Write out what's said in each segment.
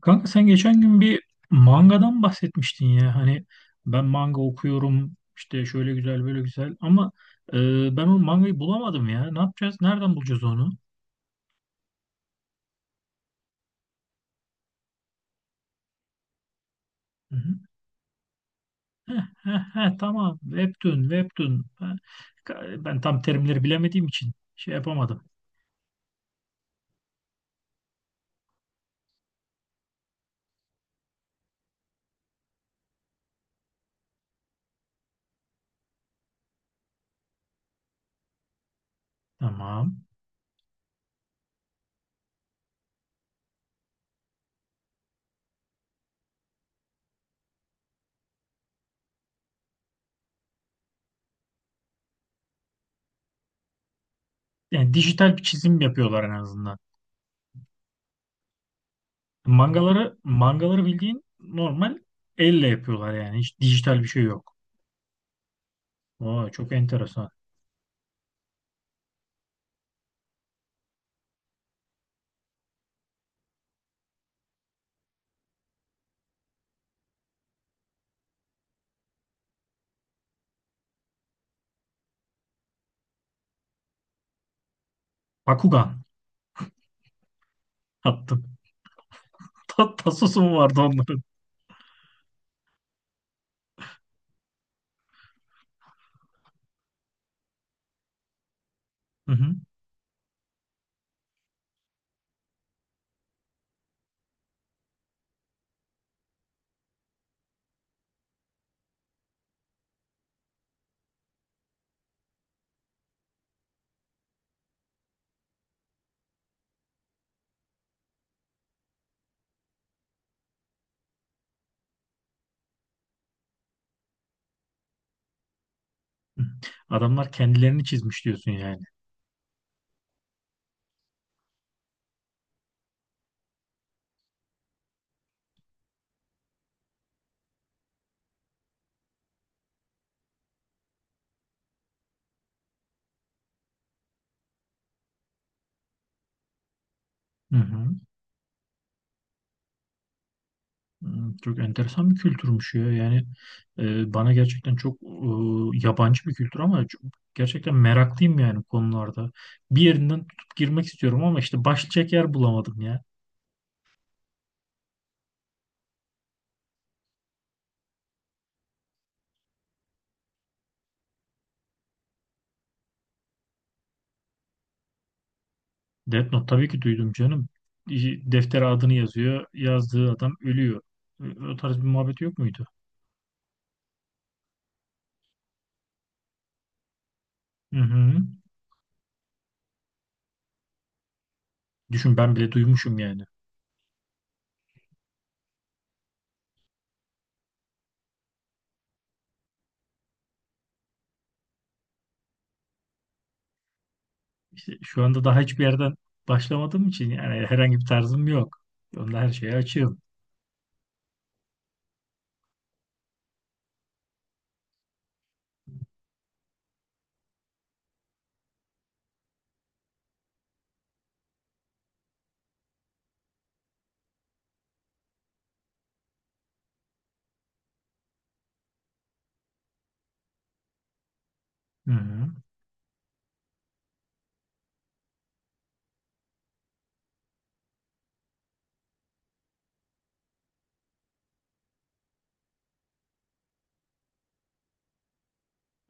Kanka sen geçen gün bir mangadan bahsetmiştin ya. Hani ben manga okuyorum işte şöyle güzel böyle güzel ama e, ben o mangayı bulamadım ya. Ne yapacağız? Nereden bulacağız onu? Hı hı. Heh, heh, heh, tamam. Webtoon, Webtoon. Ha, ben tam terimleri bilemediğim için şey yapamadım. Tamam. Yani dijital bir çizim yapıyorlar en azından. Mangaları bildiğin normal elle yapıyorlar yani. Hiç dijital bir şey yok. Oo, çok enteresan. Bakugan. Hatta Tasosu mu vardı onların? Hı hı. Hı. Adamlar kendilerini çizmiş diyorsun yani. Hı hı. Hmm, çok enteresan bir kültürmüş ya. Yani bana gerçekten çok yabancı bir kültür ama gerçekten meraklıyım yani konularda. Bir yerinden tutup girmek istiyorum ama işte başlayacak yer bulamadım ya. Death Note tabii ki duydum canım. Deftere adını yazıyor. Yazdığı adam ölüyor. O tarz bir muhabbet yok muydu? Hı hı. Düşün ben bile duymuşum yani. İşte şu anda daha hiçbir yerden başlamadığım için yani herhangi bir tarzım yok. Onda her şeye açığım. Hı hı.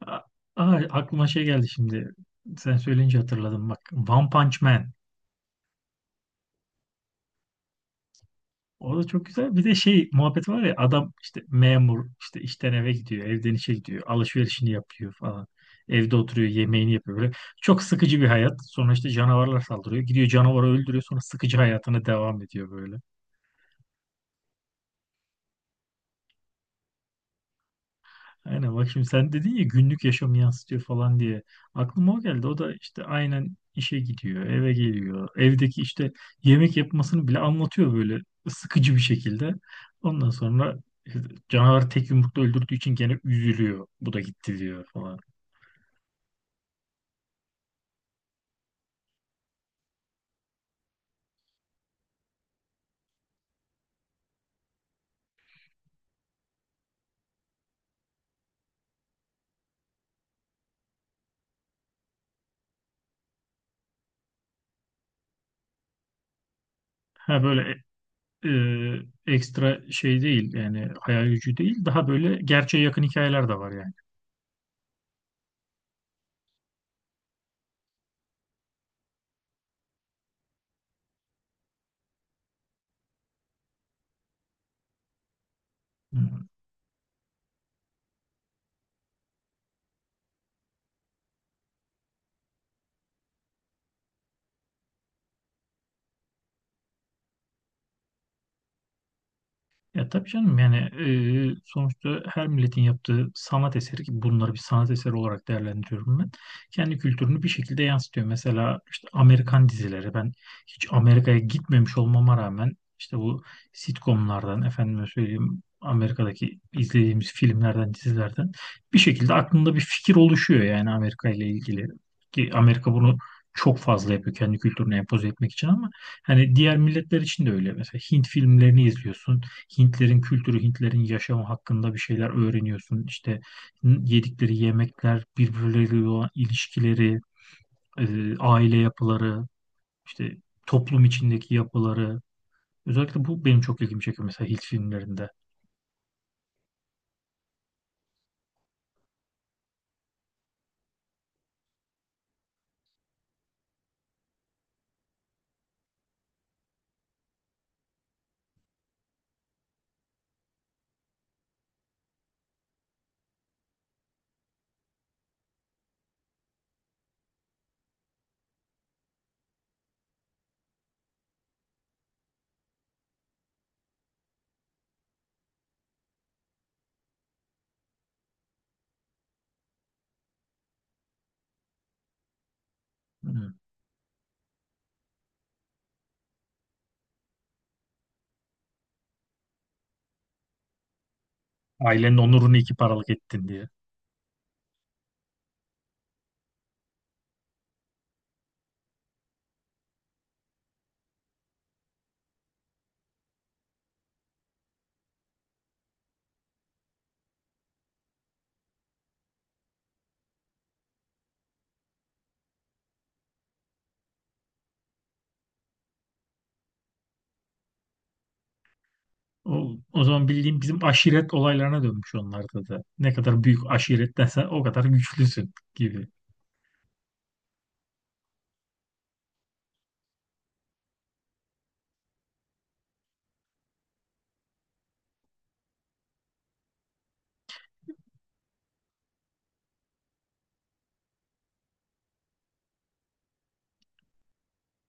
Aa, aklıma şey geldi şimdi. Sen söyleyince hatırladım bak. One Punch Man. O da çok güzel. Bir de şey muhabbet var ya adam işte memur işte işten eve gidiyor, evden işe gidiyor, alışverişini yapıyor falan. Evde oturuyor, yemeğini yapıyor böyle. Çok sıkıcı bir hayat. Sonra işte canavarlar saldırıyor. Gidiyor canavarı öldürüyor. Sonra sıkıcı hayatına devam ediyor böyle. Aynen bak şimdi sen dedin ya günlük yaşamı yansıtıyor falan diye. Aklıma o geldi. O da işte aynen işe gidiyor, eve geliyor. Evdeki işte yemek yapmasını bile anlatıyor böyle sıkıcı bir şekilde. Ondan sonra canavar tek yumrukla öldürdüğü için gene üzülüyor. Bu da gitti diyor falan. Ha böyle e, ekstra şey değil yani hayal gücü değil. Daha böyle gerçeğe yakın hikayeler de var yani. Ya tabii canım yani sonuçta her milletin yaptığı sanat eseri ki bunları bir sanat eseri olarak değerlendiriyorum ben. Kendi kültürünü bir şekilde yansıtıyor. Mesela işte Amerikan dizileri ben hiç Amerika'ya gitmemiş olmama rağmen işte bu sitcomlardan efendime söyleyeyim Amerika'daki izlediğimiz filmlerden dizilerden bir şekilde aklımda bir fikir oluşuyor yani Amerika ile ilgili. Ki Amerika bunu çok fazla yapıyor kendi kültürüne empoze etmek için ama hani diğer milletler için de öyle. Mesela Hint filmlerini izliyorsun. Hintlerin kültürü, Hintlerin yaşamı hakkında bir şeyler öğreniyorsun. İşte yedikleri yemekler, birbirleriyle olan ilişkileri, aile yapıları, işte toplum içindeki yapıları. Özellikle bu benim çok ilgimi çekiyor mesela Hint filmlerinde. Hmm. Ailenin onurunu iki paralık ettin diye. O, o zaman bildiğim bizim aşiret olaylarına dönmüş onlarda da. Ne kadar büyük aşirettensen o kadar güçlüsün gibi.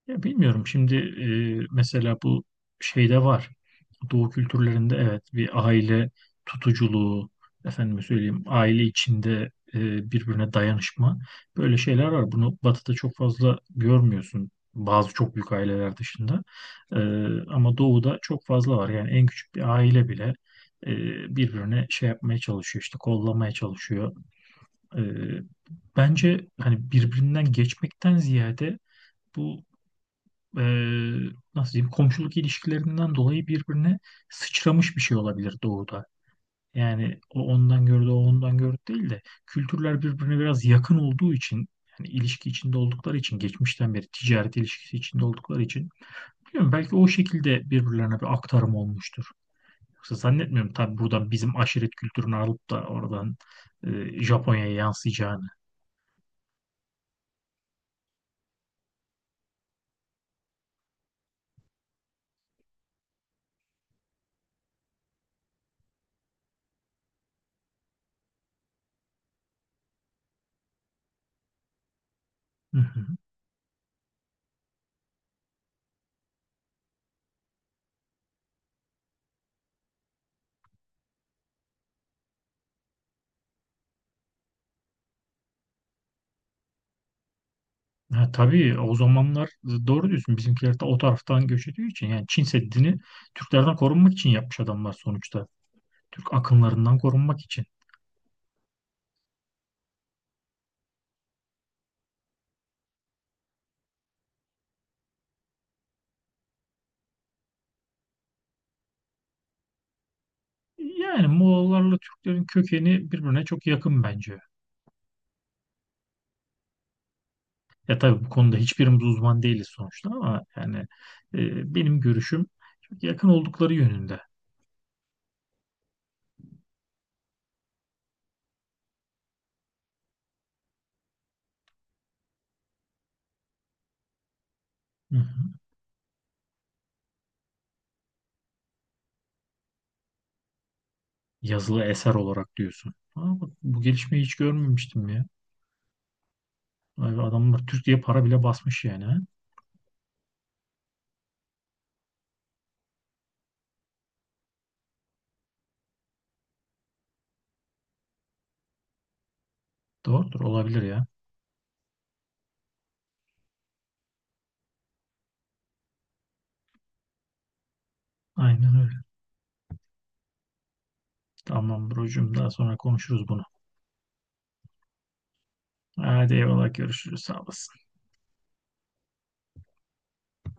Ya bilmiyorum şimdi, mesela bu şeyde var. Doğu kültürlerinde evet bir aile tutuculuğu, efendime söyleyeyim aile içinde, birbirine dayanışma böyle şeyler var. Bunu Batı'da çok fazla görmüyorsun bazı çok büyük aileler dışında. E, Ama Doğu'da çok fazla var. Yani en küçük bir aile bile e, birbirine şey yapmaya çalışıyor işte kollamaya çalışıyor. E, Bence hani birbirinden geçmekten ziyade bu, e, nasıl diyeyim, komşuluk ilişkilerinden dolayı birbirine sıçramış bir şey olabilir doğuda. Yani o ondan gördü, o ondan gördü değil de kültürler birbirine biraz yakın olduğu için yani ilişki içinde oldukları için geçmişten beri ticaret ilişkisi içinde oldukları için bilmiyorum belki o şekilde birbirlerine bir aktarım olmuştur. Yoksa zannetmiyorum tabii buradan bizim aşiret kültürünü alıp da oradan Japonya'ya yansıyacağını. Hı hı. Ha, tabii o zamanlar doğru diyorsun. Bizimkiler de o taraftan göç ediyor için. Yani Çin Seddi'ni Türklerden korunmak için yapmış adamlar sonuçta. Türk akınlarından korunmak için. Yani Moğollarla Türklerin kökeni birbirine çok yakın bence. Ya tabii bu konuda hiçbirimiz uzman değiliz sonuçta ama yani benim görüşüm çok yakın oldukları yönünde. Hı hı. Yazılı eser olarak diyorsun. Ama bak, bu gelişmeyi hiç görmemiştim ya. Vay be, adamlar Türk diye para bile basmış yani. Ha. Doğrudur olabilir ya. Aynen öyle. Tamam brocum daha sonra konuşuruz bunu. Hadi eyvallah görüşürüz sağ olasın.